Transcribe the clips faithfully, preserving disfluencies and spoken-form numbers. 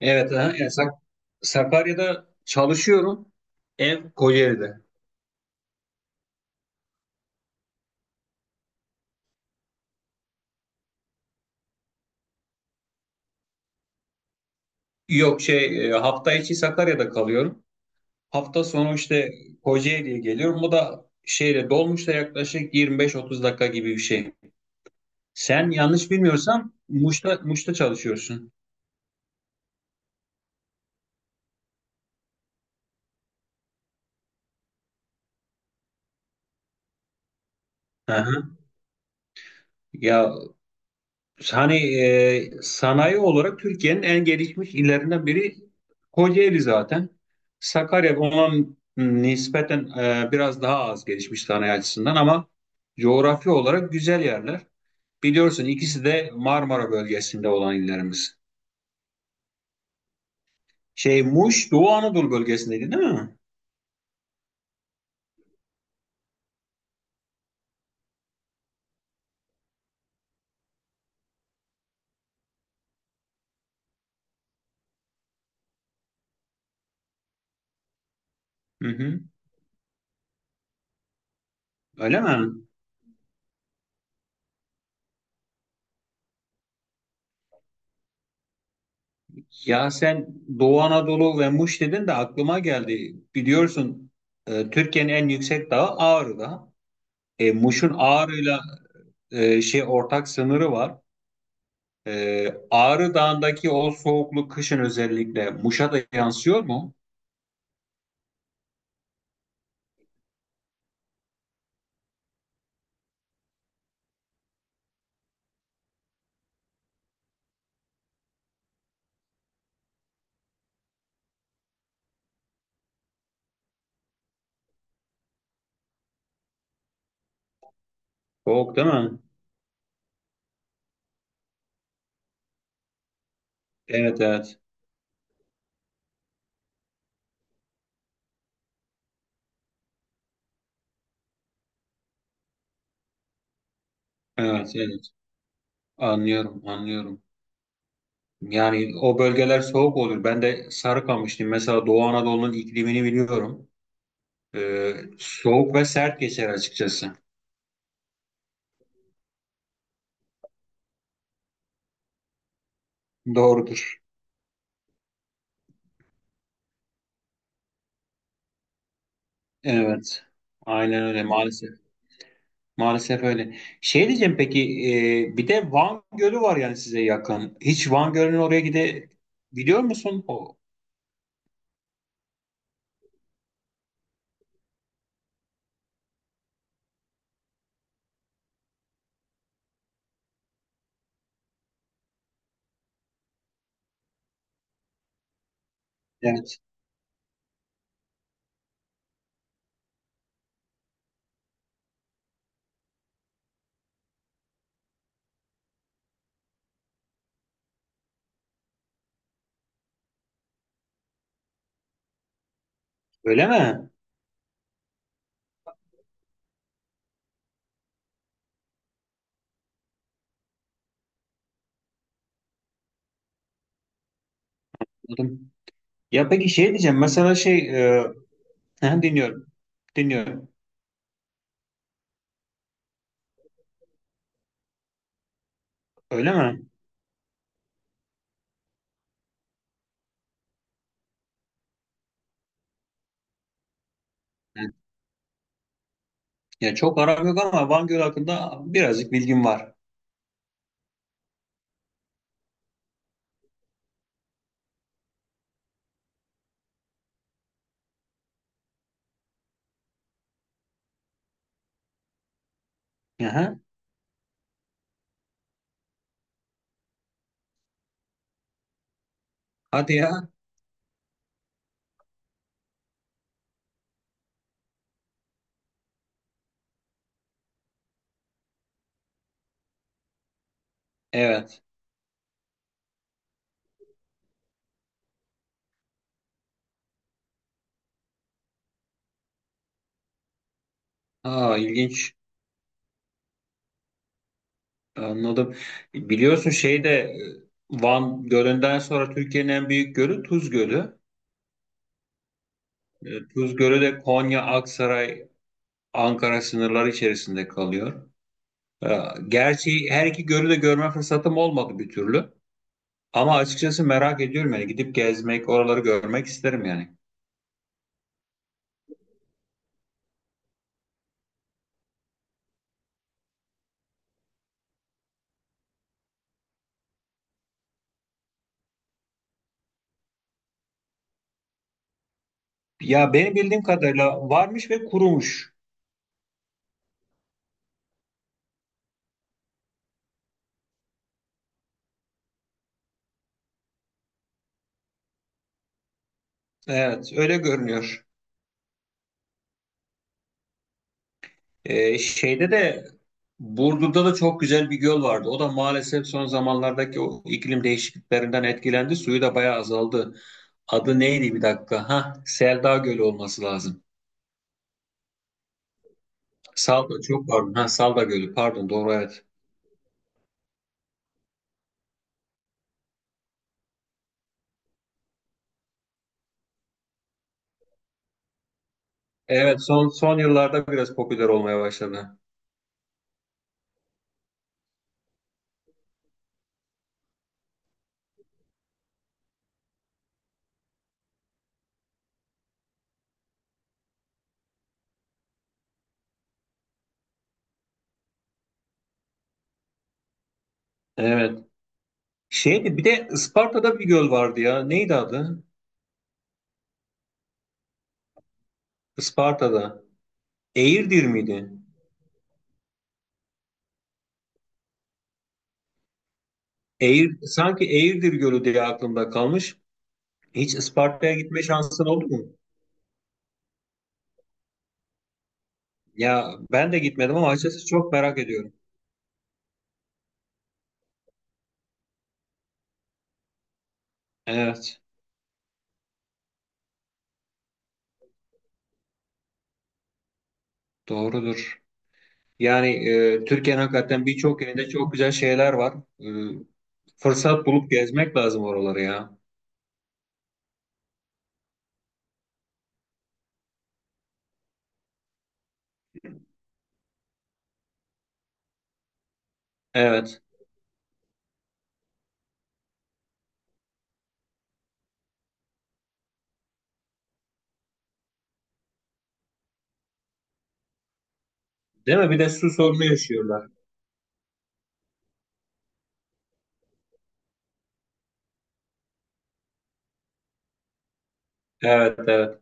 Evet, aha, yani Sak- Sakarya'da çalışıyorum. Ev Kocaeli'de. Yok şey e, Hafta içi Sakarya'da kalıyorum. Hafta sonu işte Kocaeli'ye geliyorum. Bu da şeyle dolmuşla yaklaşık yirmi beş otuz dakika gibi bir şey. Sen yanlış bilmiyorsam Muş'ta Muş'ta çalışıyorsun. Aha. Ya Hani e, sanayi olarak Türkiye'nin en gelişmiş illerinden biri Kocaeli zaten. Sakarya ona nispeten e, biraz daha az gelişmiş sanayi açısından ama coğrafi olarak güzel yerler. Biliyorsun ikisi de Marmara bölgesinde olan illerimiz. Şey, Muş Doğu Anadolu bölgesindeydi değil mi? Hı hı. Öyle mi? Ya sen Doğu Anadolu ve Muş dedin de aklıma geldi. Biliyorsun, e, Türkiye'nin en yüksek dağı Ağrı Dağı. E, Muş'un Ağrı'yla e, şey ortak sınırı var. E, Ağrı Dağı'ndaki o soğukluk kışın özellikle Muş'a da yansıyor mu? Soğuk değil mi? Evet, evet. Evet, evet. Anlıyorum, anlıyorum. Yani o bölgeler soğuk olur. Ben de Sarıkamışlıyım. Mesela Doğu Anadolu'nun iklimini biliyorum. E, Soğuk ve sert geçer açıkçası. Doğrudur. Evet. Aynen öyle maalesef. Maalesef öyle. Şey diyeceğim, peki, e, bir de Van Gölü var yani size yakın. Hiç Van Gölü'nün oraya gide biliyor musun? O, evet. Öyle mi? Anladım. Ya peki şey diyeceğim mesela şey e, dinliyorum. Dinliyorum. Öyle mi? He. Ya çok aram yok ama Van Gölü hakkında birazcık bilgim var. Aha. Hadi ya. Evet. Aa, ilginç. Anladım. Biliyorsun, şey de e, Van Gölü'nden sonra Türkiye'nin en büyük gölü Tuz Gölü. E, Tuzgöre de Konya, Aksaray, Ankara sınırları içerisinde kalıyor. E, Gerçi her iki gölü de görme fırsatım olmadı bir türlü. Ama açıkçası merak ediyorum, yani gidip gezmek, oraları görmek isterim yani. Ya benim bildiğim kadarıyla varmış ve kurumuş. Evet, öyle görünüyor. E, şeyde de Burdur'da da çok güzel bir göl vardı. O da maalesef son zamanlardaki o iklim değişikliklerinden etkilendi. Suyu da bayağı azaldı. Adı neydi bir dakika? Ha, Selda Gölü olması lazım. Salda, çok pardon. Ha, Salda Gölü, pardon, doğru, evet. Evet, son son yıllarda biraz popüler olmaya başladı. Evet. Şeydi, bir de Isparta'da bir göl vardı ya. Neydi adı? Isparta'da. Eğirdir miydi? Eğir, sanki Eğirdir Gölü diye aklımda kalmış. Hiç Isparta'ya gitme şansın oldu mu? Ya ben de gitmedim ama açıkçası çok merak ediyorum. Evet, doğrudur. Yani e, Türkiye'nin hakikaten birçok yerinde çok güzel şeyler var. E, Fırsat bulup gezmek lazım oraları ya. Evet. Değil mi? Bir de su sorunu yaşıyorlar. Evet, evet.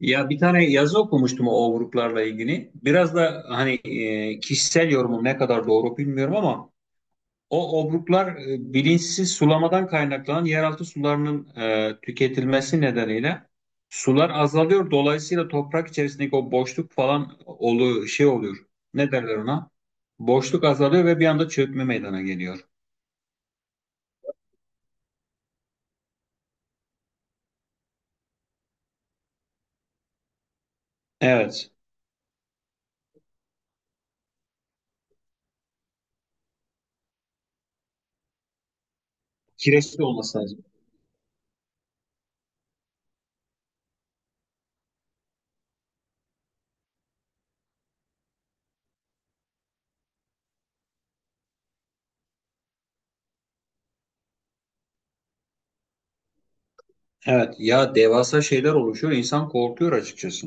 Ya bir tane yazı okumuştum o gruplarla ilgili. Biraz da hani, e, kişisel yorumum ne kadar doğru bilmiyorum ama o obruklar, e, bilinçsiz sulamadan kaynaklanan yeraltı sularının e, tüketilmesi nedeniyle sular azalıyor. Dolayısıyla toprak içerisindeki o boşluk falan olu şey oluyor. Ne derler ona? Boşluk azalıyor ve bir anda çökme meydana geliyor. Evet. Kireçli olması lazım. Evet ya, devasa şeyler oluşuyor. İnsan korkuyor açıkçası.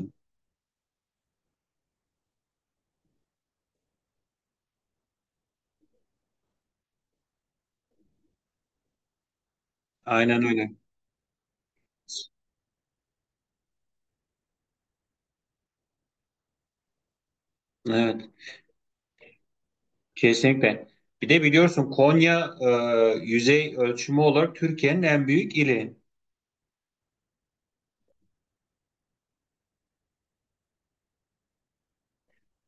Aynen öyle. Evet, kesinlikle. Bir de biliyorsun Konya, e, yüzey ölçümü olarak Türkiye'nin en büyük ili.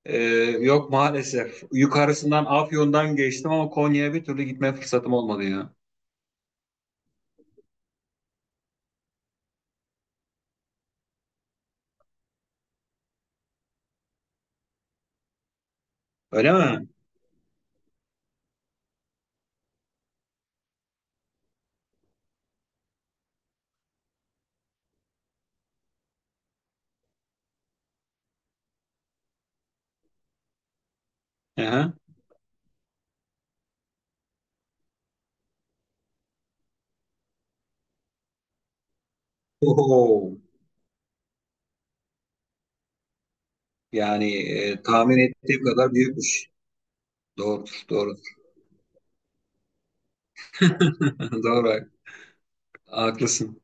E, Yok maalesef. Yukarısından Afyon'dan geçtim ama Konya'ya bir türlü gitme fırsatım olmadı ya. Öyle mi? Aha. Oho. Yani e, tahmin ettiğim kadar büyükmüş. Doğrudur, doğru. Doğru, haklısın.